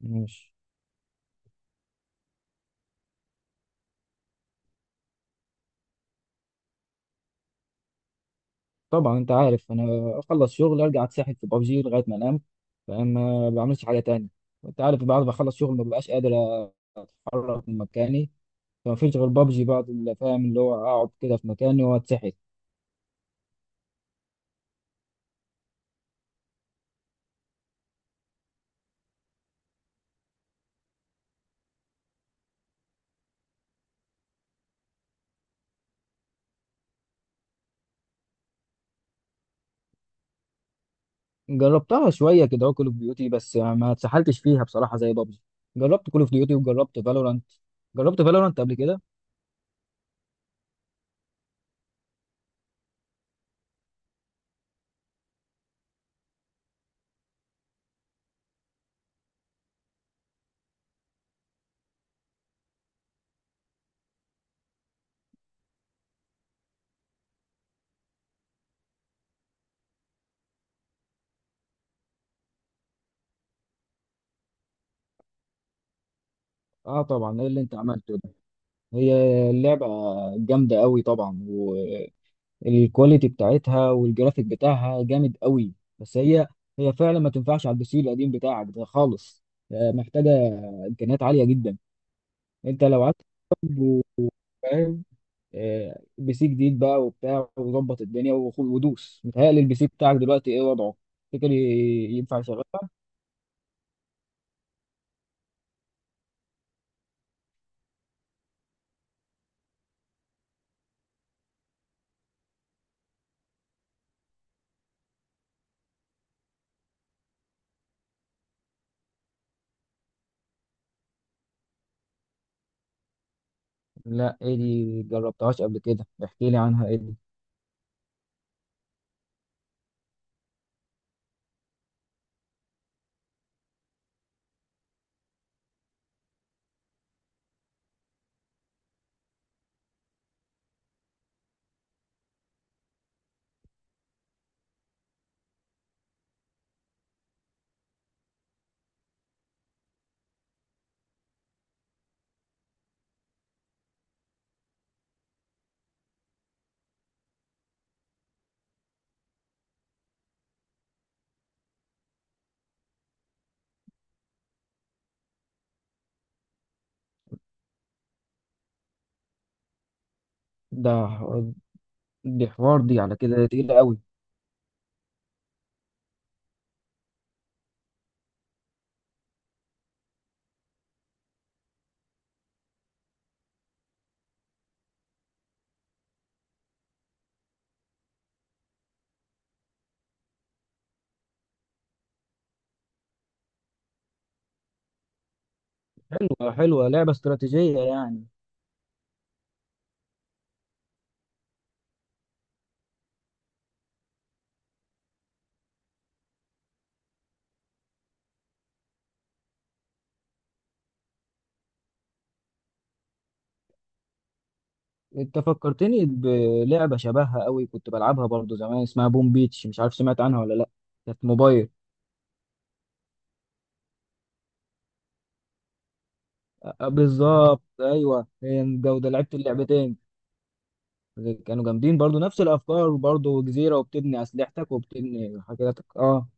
ماشي. طبعا انت عارف، انا اخلص شغل ارجع اتسحل في بابجي لغايه ما انام. فاهم، ما بعملش حاجه تانية. وانت عارف بعد ما اخلص شغل ما ببقاش قادر اتحرك من مكاني. فما فيش غير بابجي بعد اللي فاهم، اللي هو اقعد كده في مكاني واتسحل. جربتها شويه كده كول اوف ديوتي، بس ما اتسحلتش فيها بصراحه زي بابجي. جربت كول اوف ديوتي وجربت فالورانت. جربت فالورانت قبل كده. اه طبعا، ايه اللي انت عملته ده؟ هي اللعبه جامده قوي طبعا. الكواليتي بتاعتها والجرافيك بتاعها جامد قوي. بس هي فعلا ما تنفعش على البي سي القديم بتاعك ده خالص. محتاجه امكانيات عاليه جدا. انت لو قعدت فاهم، بي سي جديد بقى وبتاع وظبط الدنيا ودوس. متهيألي البي سي بتاعك دلوقتي ايه وضعه؟ تفتكر ينفع يشغلها؟ لا، ايه دي؟ جربتهاش قبل كده، احكي لي عنها. ايه دي؟ ده ح- دي حوار، دي على كده تقيلة قوي. حلوة، لعبة استراتيجية يعني. انت فكرتني بلعبه شبهها قوي، كنت بلعبها برضو زمان اسمها بوم بيتش، مش عارف سمعت عنها ولا لا. كانت موبايل. أه، بالظبط، ايوه هي الجوده، لعبت اللعبتين. كانوا جامدين برضو، نفس الافكار برضو، جزيره وبتبني اسلحتك وبتبني حاجاتك اه.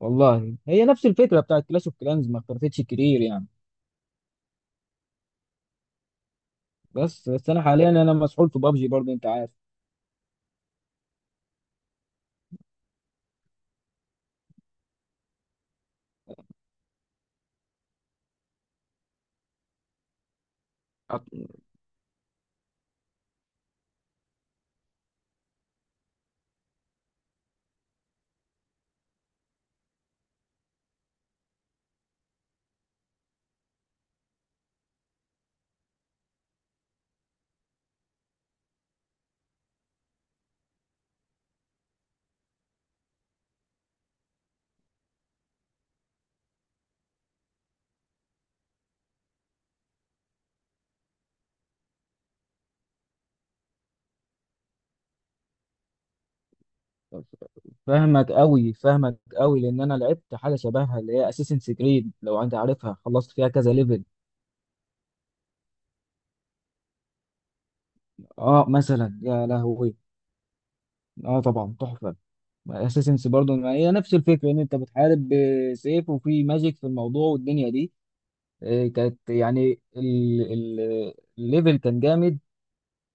والله هي نفس الفكره بتاعت كلاش اوف كلانز، ما اختلفتش كتير يعني. بس انا حاليا انا مسحول في بابجي برضو، انت عارف. أط- فاهمك قوي، فاهمك قوي، لان انا لعبت حاجه شبهها اللي هي اساسن كريد، لو انت عارفها، خلصت فيها كذا ليفل. اه مثلا، يا لهوي. اه طبعا تحفه. اساسنس برضو، ما هي نفس الفكره ان انت بتحارب بسيف وفي ماجيك في الموضوع والدنيا دي. كانت يعني الليفل كان جامد.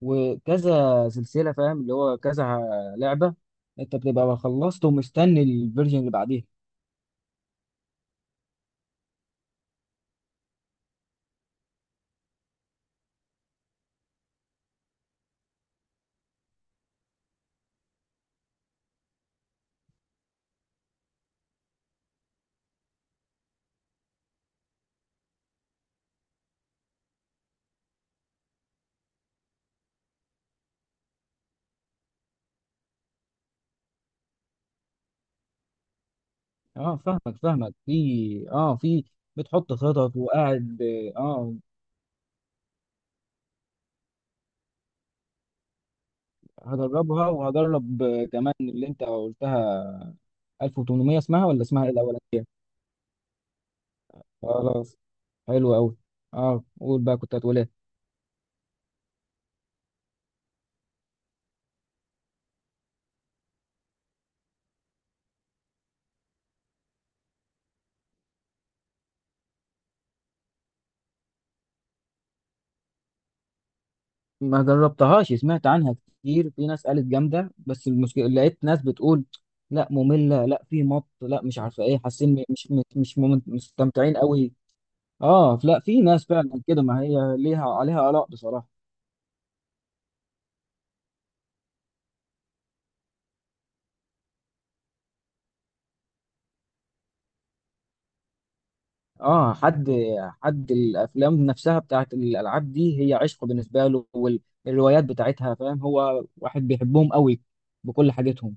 وكذا سلسله، فاهم اللي هو كذا لعبه. انت بتبقى خلصت ومستني الفيرجن اللي بعديها. اه فاهمك فاهمك، في بتحط خطط وقاعد. اه هدربها وهدرب كمان اللي انت قلتها، 1800، اسمها ولا اسمها ايه الاولانيه؟ خلاص. حلو قوي. اه قول بقى، كنت هتقول ايه؟ ما جربتهاش، سمعت عنها كتير، في ناس قالت جامده، بس المشكله لقيت ناس بتقول لا، ممله، لا في مط، لا مش عارفه ايه، حاسين مش مستمتعين قوي. اه لا، في ناس فعلا كده، ما هي ليها عليها اراء بصراحه. اه، حد الافلام نفسها بتاعت الالعاب دي هي عشق بالنسبه له، والروايات بتاعتها، فاهم، هو واحد بيحبهم قوي بكل حاجتهم.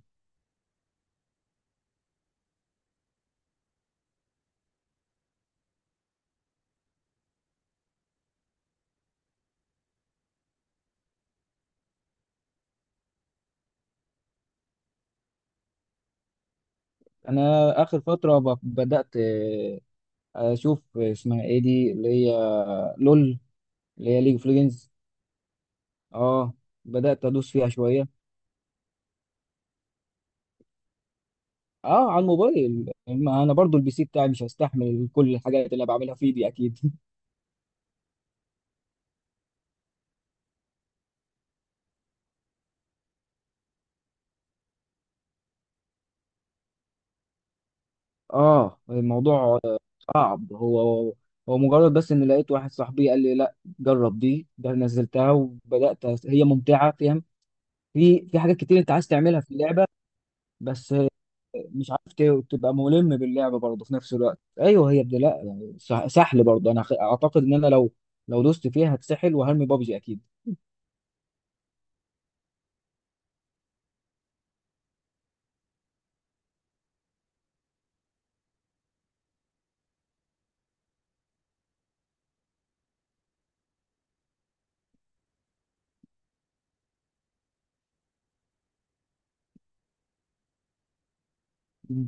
انا اخر فتره بدات اشوف اسمها ايه دي اللي هي، لول، اللي هي ليج اوف ليجندز. اه، بدات ادوس فيها شويه. اه، على الموبايل، ما انا برضو البي سي بتاعي مش هستحمل كل الحاجات اللي انا بعملها فيه دي اكيد. اه، الموضوع صعب هو. هو مجرد بس ان لقيت واحد صاحبي قال لي لا، جرب دي، ده نزلتها وبدات هي ممتعه، فاهم. في حاجات كتير انت عايز تعملها في اللعبه. بس مش عارف تبقى ملم باللعبه برضه في نفس الوقت. ايوه هي بدي، لا يعني سحل برضه. انا اعتقد ان انا لو دوست فيها هتسحل وهرمي بابجي اكيد.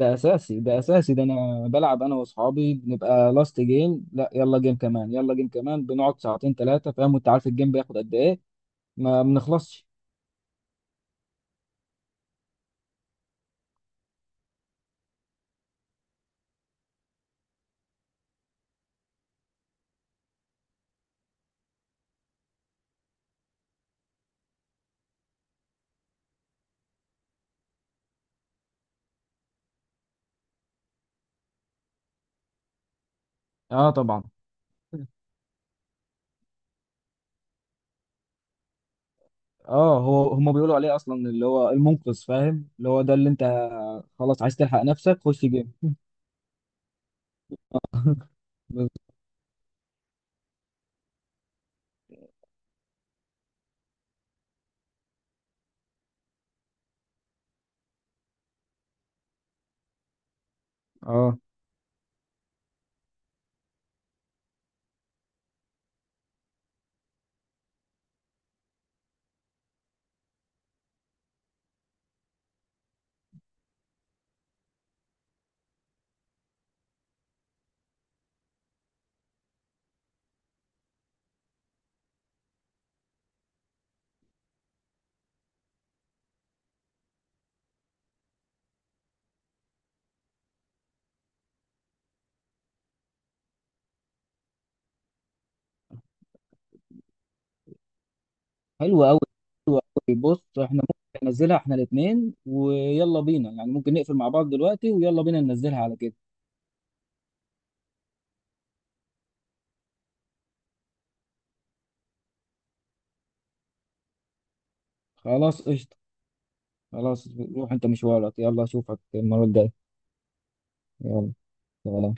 ده اساسي، ده اساسي، ده انا بلعب انا واصحابي بنبقى لاست جيم، لا يلا جيم كمان، يلا جيم كمان، بنقعد ساعتين ثلاثه، فاهم، وانت عارف الجيم بياخد قد ايه، ما بنخلصش. اه طبعا. اه، هو هم بيقولوا عليه اصلا اللي هو المنقذ، فاهم، اللي هو ده اللي انت خلاص عايز تلحق نفسك خش جيم. اه، حلو قوي. بص احنا ممكن ننزلها احنا الاثنين ويلا بينا يعني، ممكن نقفل مع بعض دلوقتي ويلا بينا ننزلها على كده. خلاص قشطة. خلاص. روح انت مشوارك، يلا اشوفك المرة الجاية. يلا، سلام.